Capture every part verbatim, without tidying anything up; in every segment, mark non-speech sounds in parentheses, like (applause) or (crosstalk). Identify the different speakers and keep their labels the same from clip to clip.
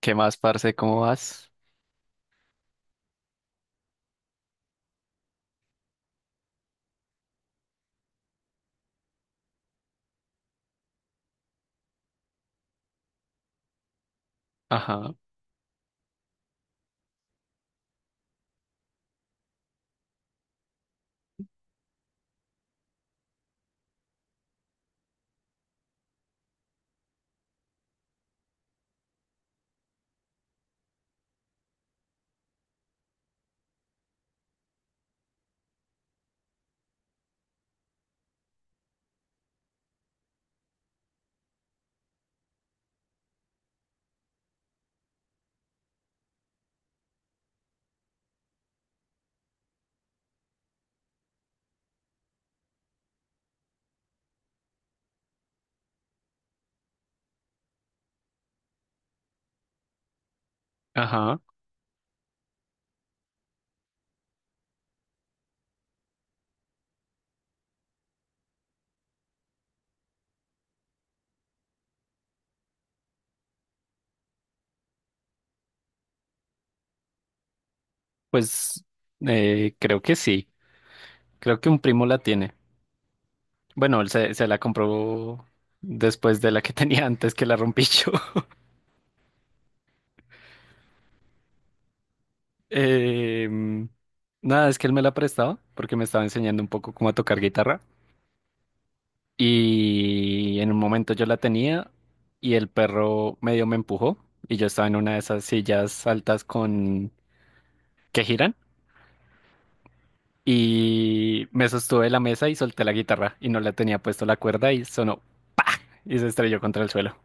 Speaker 1: ¿Qué más, parce? ¿Cómo vas? Ajá, ajá. Pues eh, creo que sí. Creo que un primo la tiene. Bueno, él se, se la compró después de la que (laughs) tenía antes que la rompí yo. (laughs) Em, nada, es que él me la prestaba porque me estaba enseñando un poco cómo a tocar guitarra. Y en un momento yo la tenía y el perro medio me empujó y yo estaba en una de esas sillas altas con que giran. Y me sostuve de la mesa y solté la guitarra y no le tenía puesto la cuerda y sonó y se estrelló contra el suelo.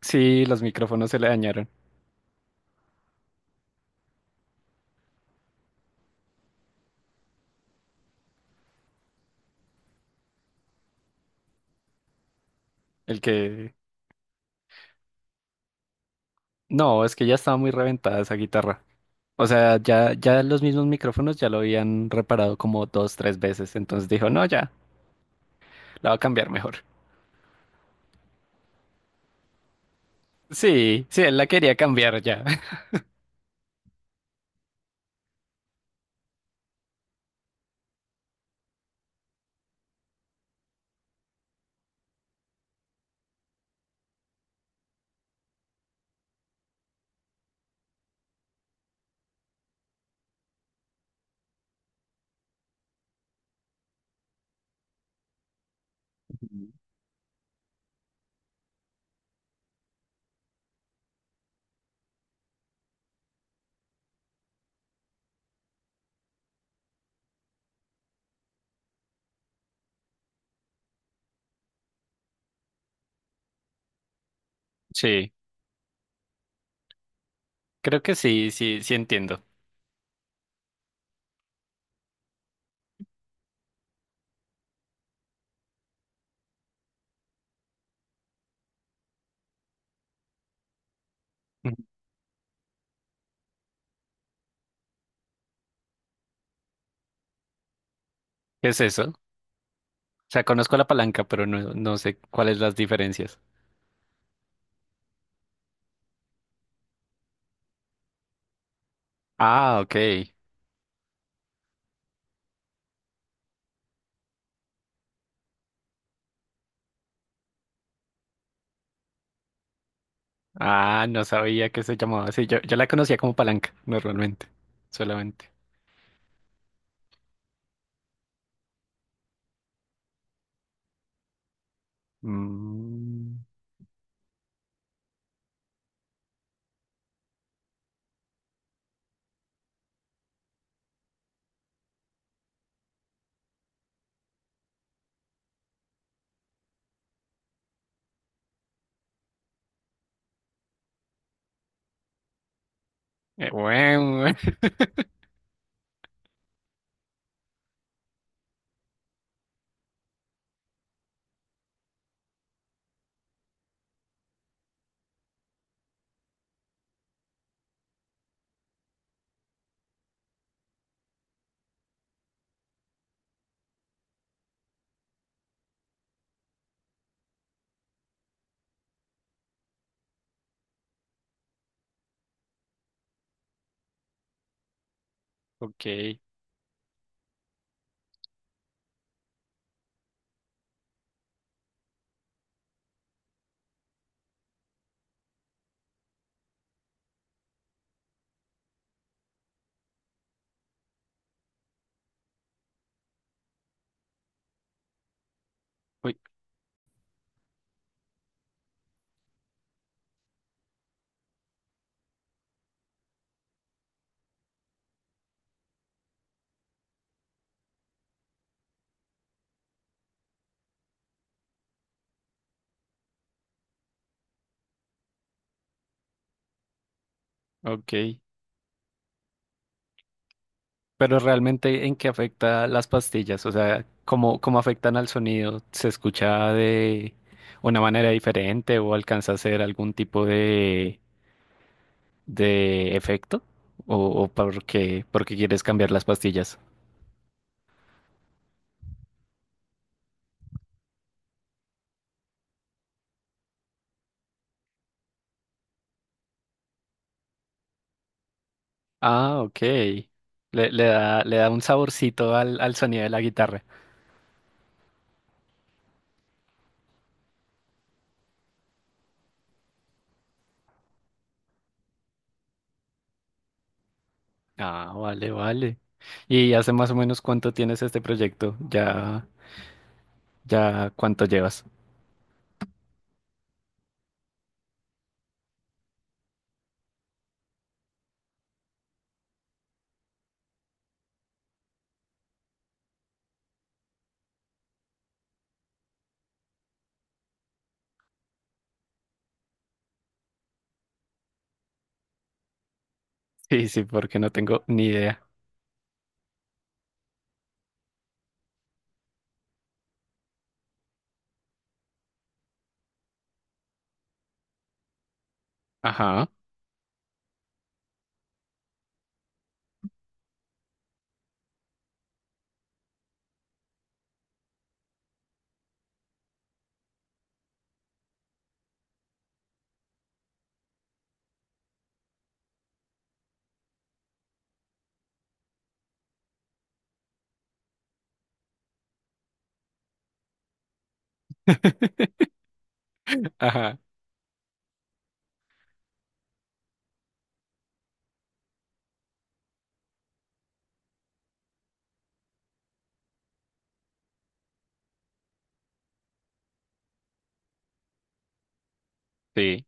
Speaker 1: Sí, los micrófonos se le dañaron. El que... No, es que ya estaba muy reventada esa guitarra. O sea, ya, ya los mismos micrófonos ya lo habían reparado como dos, tres veces. Entonces dijo, no, ya, la va a cambiar mejor. Sí, sí, él la quería cambiar ya. (laughs) Ujú. Sí, creo que sí, sí, sí entiendo. Ujú. ¿Qué es eso? O sea, conozco la palanca, pero no, no sé cuáles las diferencias. Ah, ok. Ah, no sabía que se llamaba así. Yo, yo la conocía como palanca, normalmente. Solamente. Mm, eh, bueno, (laughs) ok. Uy, ok. Pero realmente, ¿en qué afecta las pastillas? O sea, ¿cómo, cómo afectan al sonido? ¿Se escucha de una manera diferente o alcanza a hacer algún tipo de, de efecto? ¿O, o por qué, por qué quieres cambiar las pastillas? Ah, ok. Le, le da, le da un saborcito al, al sonido de la guitarra. Ah, vale, vale. ¿Y hace más o menos cuánto tienes este proyecto? Ya, ya, ¿cuánto llevas? (laughs) Sí, sí, porque no tengo ni idea. Ajá. (laughs) Ajá. Sí,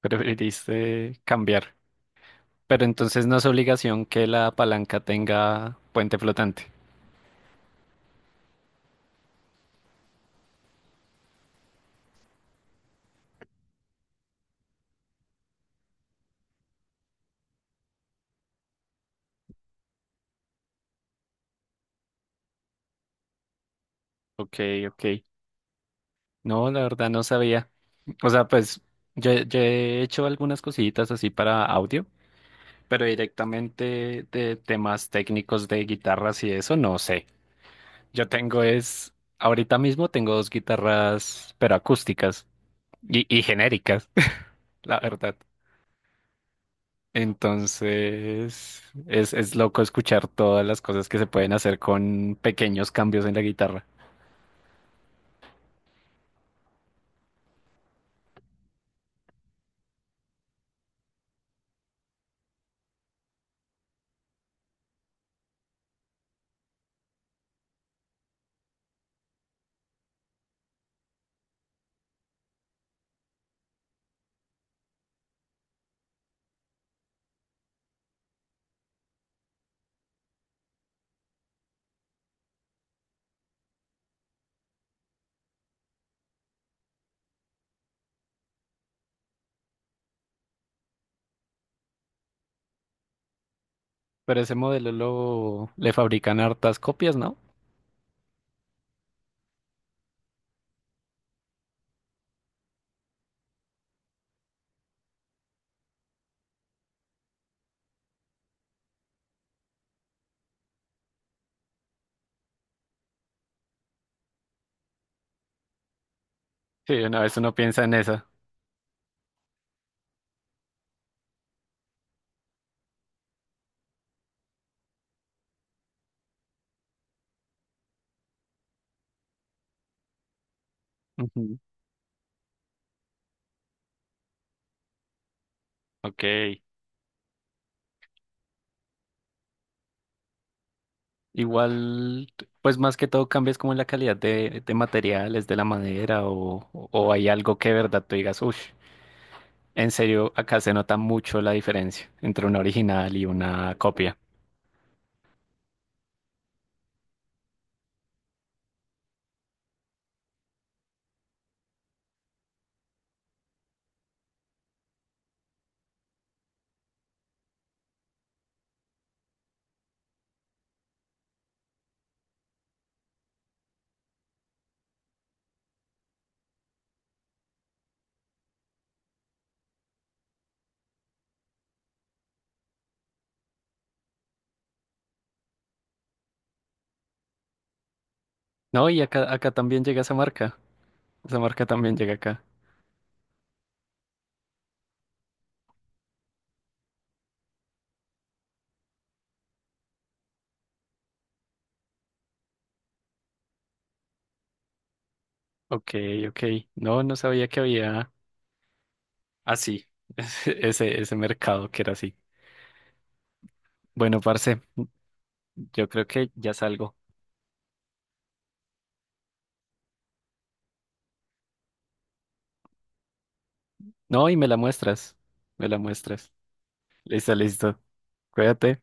Speaker 1: preferiste cambiar. Pero entonces no es obligación que la palanca tenga puente flotante. Ok, ok. No, la verdad no sabía. O sea, pues yo, yo he hecho algunas cositas así para audio, pero directamente de temas técnicos de guitarras y eso, no sé. Yo tengo es, ahorita mismo tengo dos guitarras, pero acústicas y, y genéricas, (laughs) la verdad. Entonces, es, es loco escuchar todas las cosas que se pueden hacer con pequeños cambios en la guitarra. Pero ese modelo lo, le fabrican hartas copias, ¿no? Sí, una vez uno piensa en esa. Ujú. Ok. Igual, pues más que todo cambias como en la calidad de, de materiales, de la madera, o, o hay algo que de verdad tú digas, uff. En serio, acá se nota mucho la diferencia entre una original y una copia. No, y acá, acá también llega esa marca. Esa marca también llega acá. Ok, ok. No, no sabía que había así, (laughs) ese, ese ese mercado que era así. Bueno, parce, yo creo que ya salgo. No, y me la muestras. Me la muestras. Listo, listo. Cuídate.